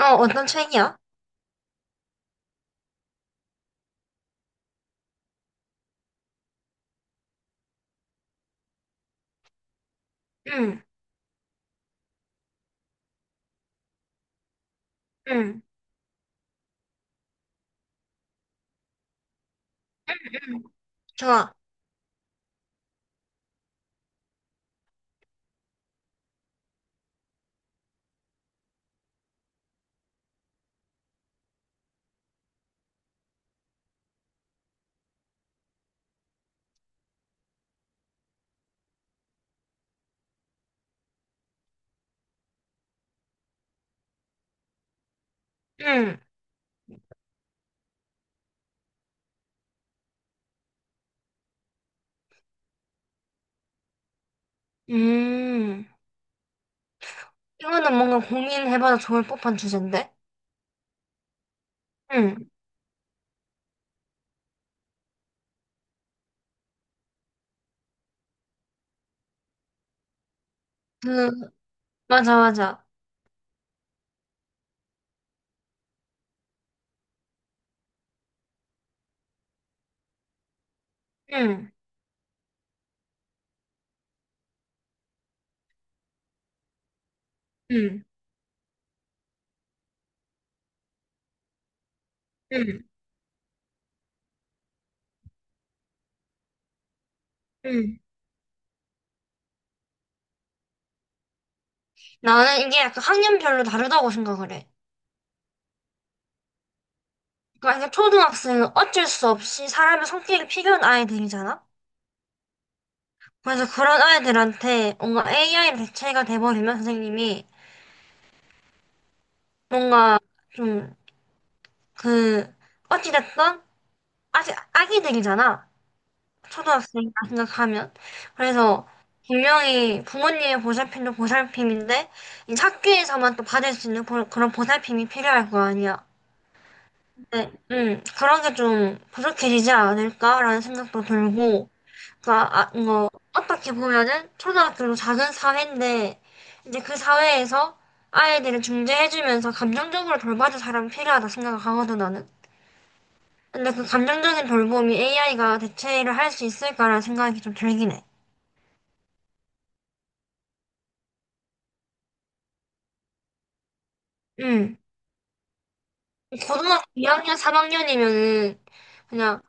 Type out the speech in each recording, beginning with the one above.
어, 어떤 책이야? 응, 응, 응, 좋아. 응, 음. 이거는 뭔가 고민해봐도 좋을 법한 주제인데? 응, 그, 맞아, 맞아. 응, 응, 응, 응. 나는 이게 약간 학년별로 다르다고 생각을 해. 그러니까 이게 초등학생은 어쩔 수 없이 사람의 성격이 필요한 아이들이잖아? 그래서 그런 아이들한테 뭔가 AI로 대체가 돼버리면 선생님이 뭔가 좀 그, 어찌됐든 아직 아기들이잖아. 초등학생이라 생각하면. 그래서 분명히 부모님의 보살핌도 보살핌인데 이 학교에서만 또 받을 수 있는 그런 보살핌이 필요할 거 아니야. 네, 그런 게 좀 부족해지지 않을까라는 생각도 들고, 그러니까 아, 뭐 어떻게 보면은 초등학교도 작은 사회인데 이제 그 사회에서 아이들을 중재해주면서 감정적으로 돌봐줄 사람이 필요하다 생각하거든 나는. 근데 그 감정적인 돌봄이 AI가 대체를 할 수 있을까라는 생각이 좀 들긴 해. 응. 고등학교 2학년, 3학년이면은 그냥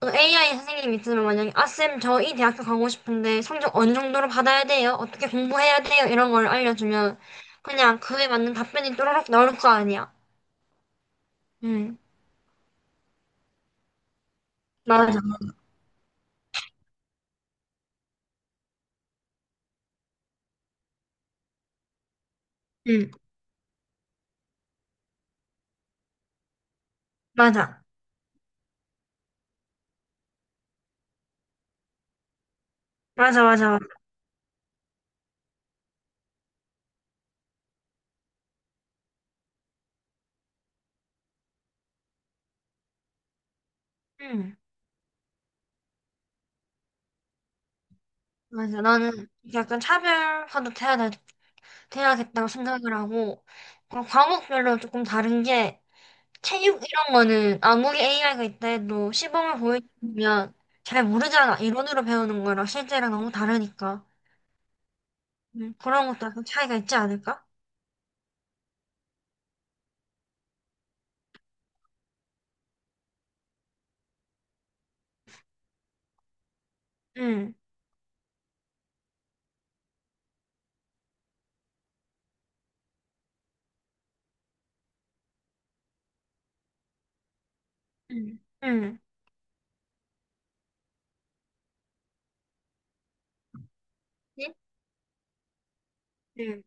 그 AI 선생님이 있으면 만약에 아, 쌤, 저 이 대학교 가고 싶은데 성적 어느 정도로 받아야 돼요? 어떻게 공부해야 돼요? 이런 걸 알려주면 그냥 그에 맞는 답변이 또라락 나올 거 아니야. 응. 맞아. 응. 맞아. 맞아, 맞아, 맞아. 응. 맞아. 나는 약간 차별화도 돼야겠다고 생각을 하고 그럼 과목별로 조금 다른 게 체육 이런 거는 아무리 AI가 있다 해도 시범을 보여주면 잘 모르잖아. 이론으로 배우는 거랑 실제랑 너무 다르니까. 그런 것도 약간 차이가 있지 않을까? 응, 응, 응, 응, 응,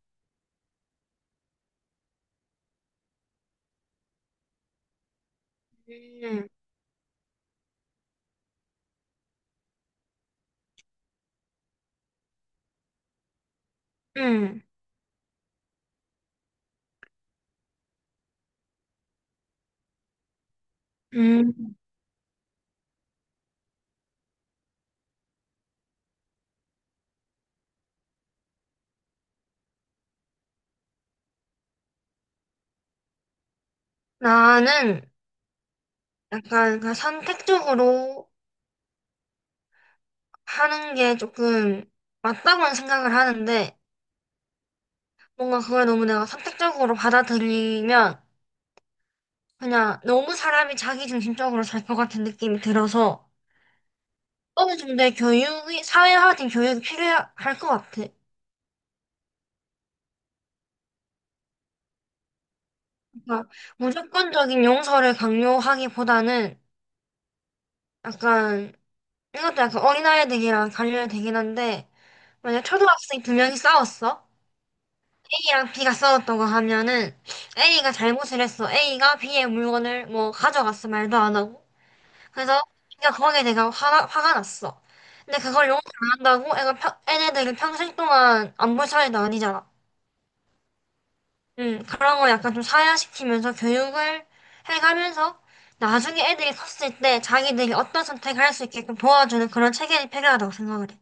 응, 응. 응. 나는 약간 그 선택적으로 하는 게 조금 맞다고는 생각을 하는데 뭔가 그걸 너무 내가 선택적으로 받아들이면 그냥 너무 사람이 자기 중심적으로 살 것 같은 느낌이 들어서 어느 정도의 교육이, 사회화된 교육이 필요할 것 같아. 그러니까 무조건적인 용서를 강요하기보다는 약간, 이것도 약간 어린아이들이랑 관련이 되긴 한데, 만약 초등학생 두 명이 싸웠어? A랑 B가 싸웠다고 하면은 A가 잘못을 했어. A가 B의 물건을 뭐 가져갔어. 말도 안 하고. 그래서 B가 거기에 내가 화가 났어. 근데 그걸 용서 안 한다고 애네들은 평생 동안 안 볼 사이도 아니잖아. 그런 걸 약간 좀 사회화시키면서 교육을 해가면서 나중에 애들이 컸을 때 자기들이 어떤 선택을 할 수 있게끔 도와주는 그런 체계가 필요하다고 생각을 해.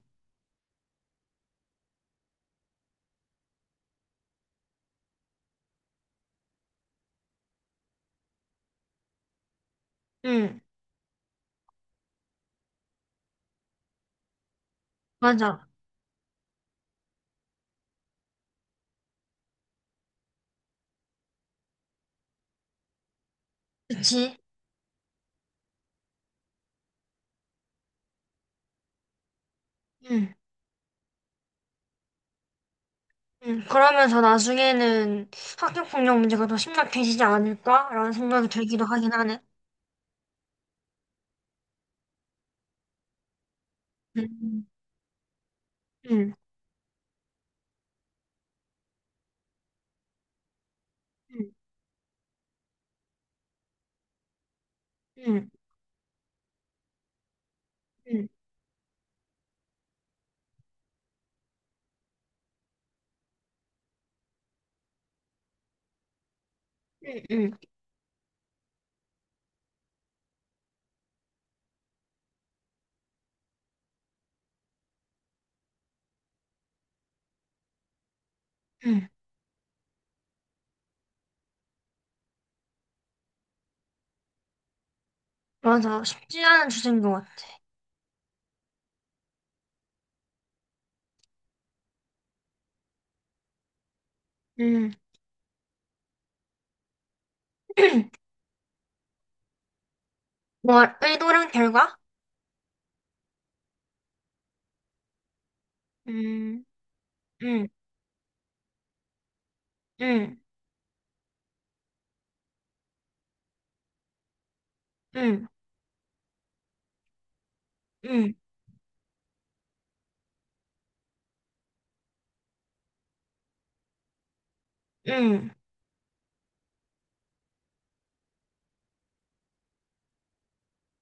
응, 맞아. 그치? 응, 응, 그러면서 나중에는 학교폭력 문제가 더 심각해지지 않을까라는 생각이 들기도 하긴 하네. 응응응응응응응응응응응응응응응응응응. 맞아. 쉽지 않은 주제인 것 같아. 응응 뭐, 의도랑 결과? 응응응응응응응. 응, 응,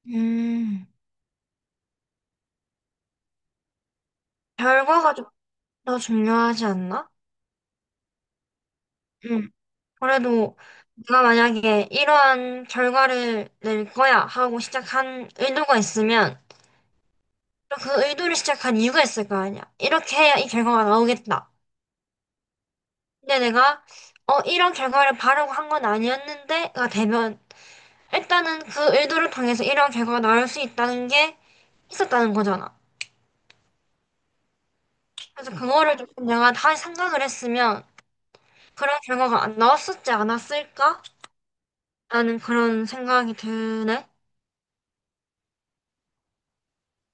음. 결과가 좀 더 중요하지 않나? 응. 그래도 내가 만약에 이러한 결과를 낼 거야 하고 시작한 의도가 있으면 또그 의도를 시작한 이유가 있을 거 아니야. 이렇게 해야 이 결과가 나오겠다. 근데 내가 어 이런 결과를 바라고 한 건 아니었는데가 되면 일단은 그 의도를 통해서 이런 결과가 나올 수 있다는 게 있었다는 거잖아. 그래서 그거를 조금 내가 다시 생각을 했으면 그런 결과가 안 나왔었지 않았을까? 라는 그런 생각이 드네.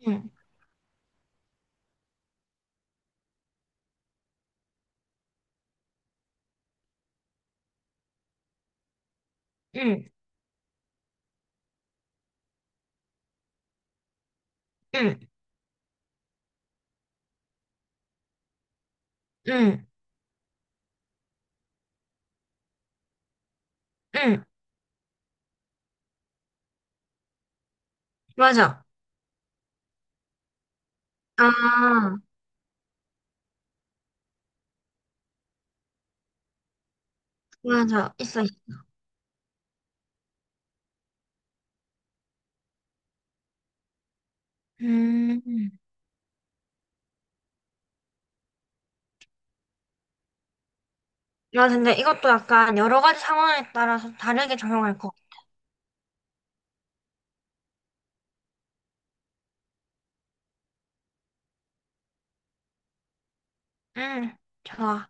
응, 응, 응, 응, 응. 맞아. 아, 맞아. 있어. 있어. 음. 맞아. 근데 이것도 약간 여러 가지 상황에 따라서 다르게 적용할 거. 응, 좋아.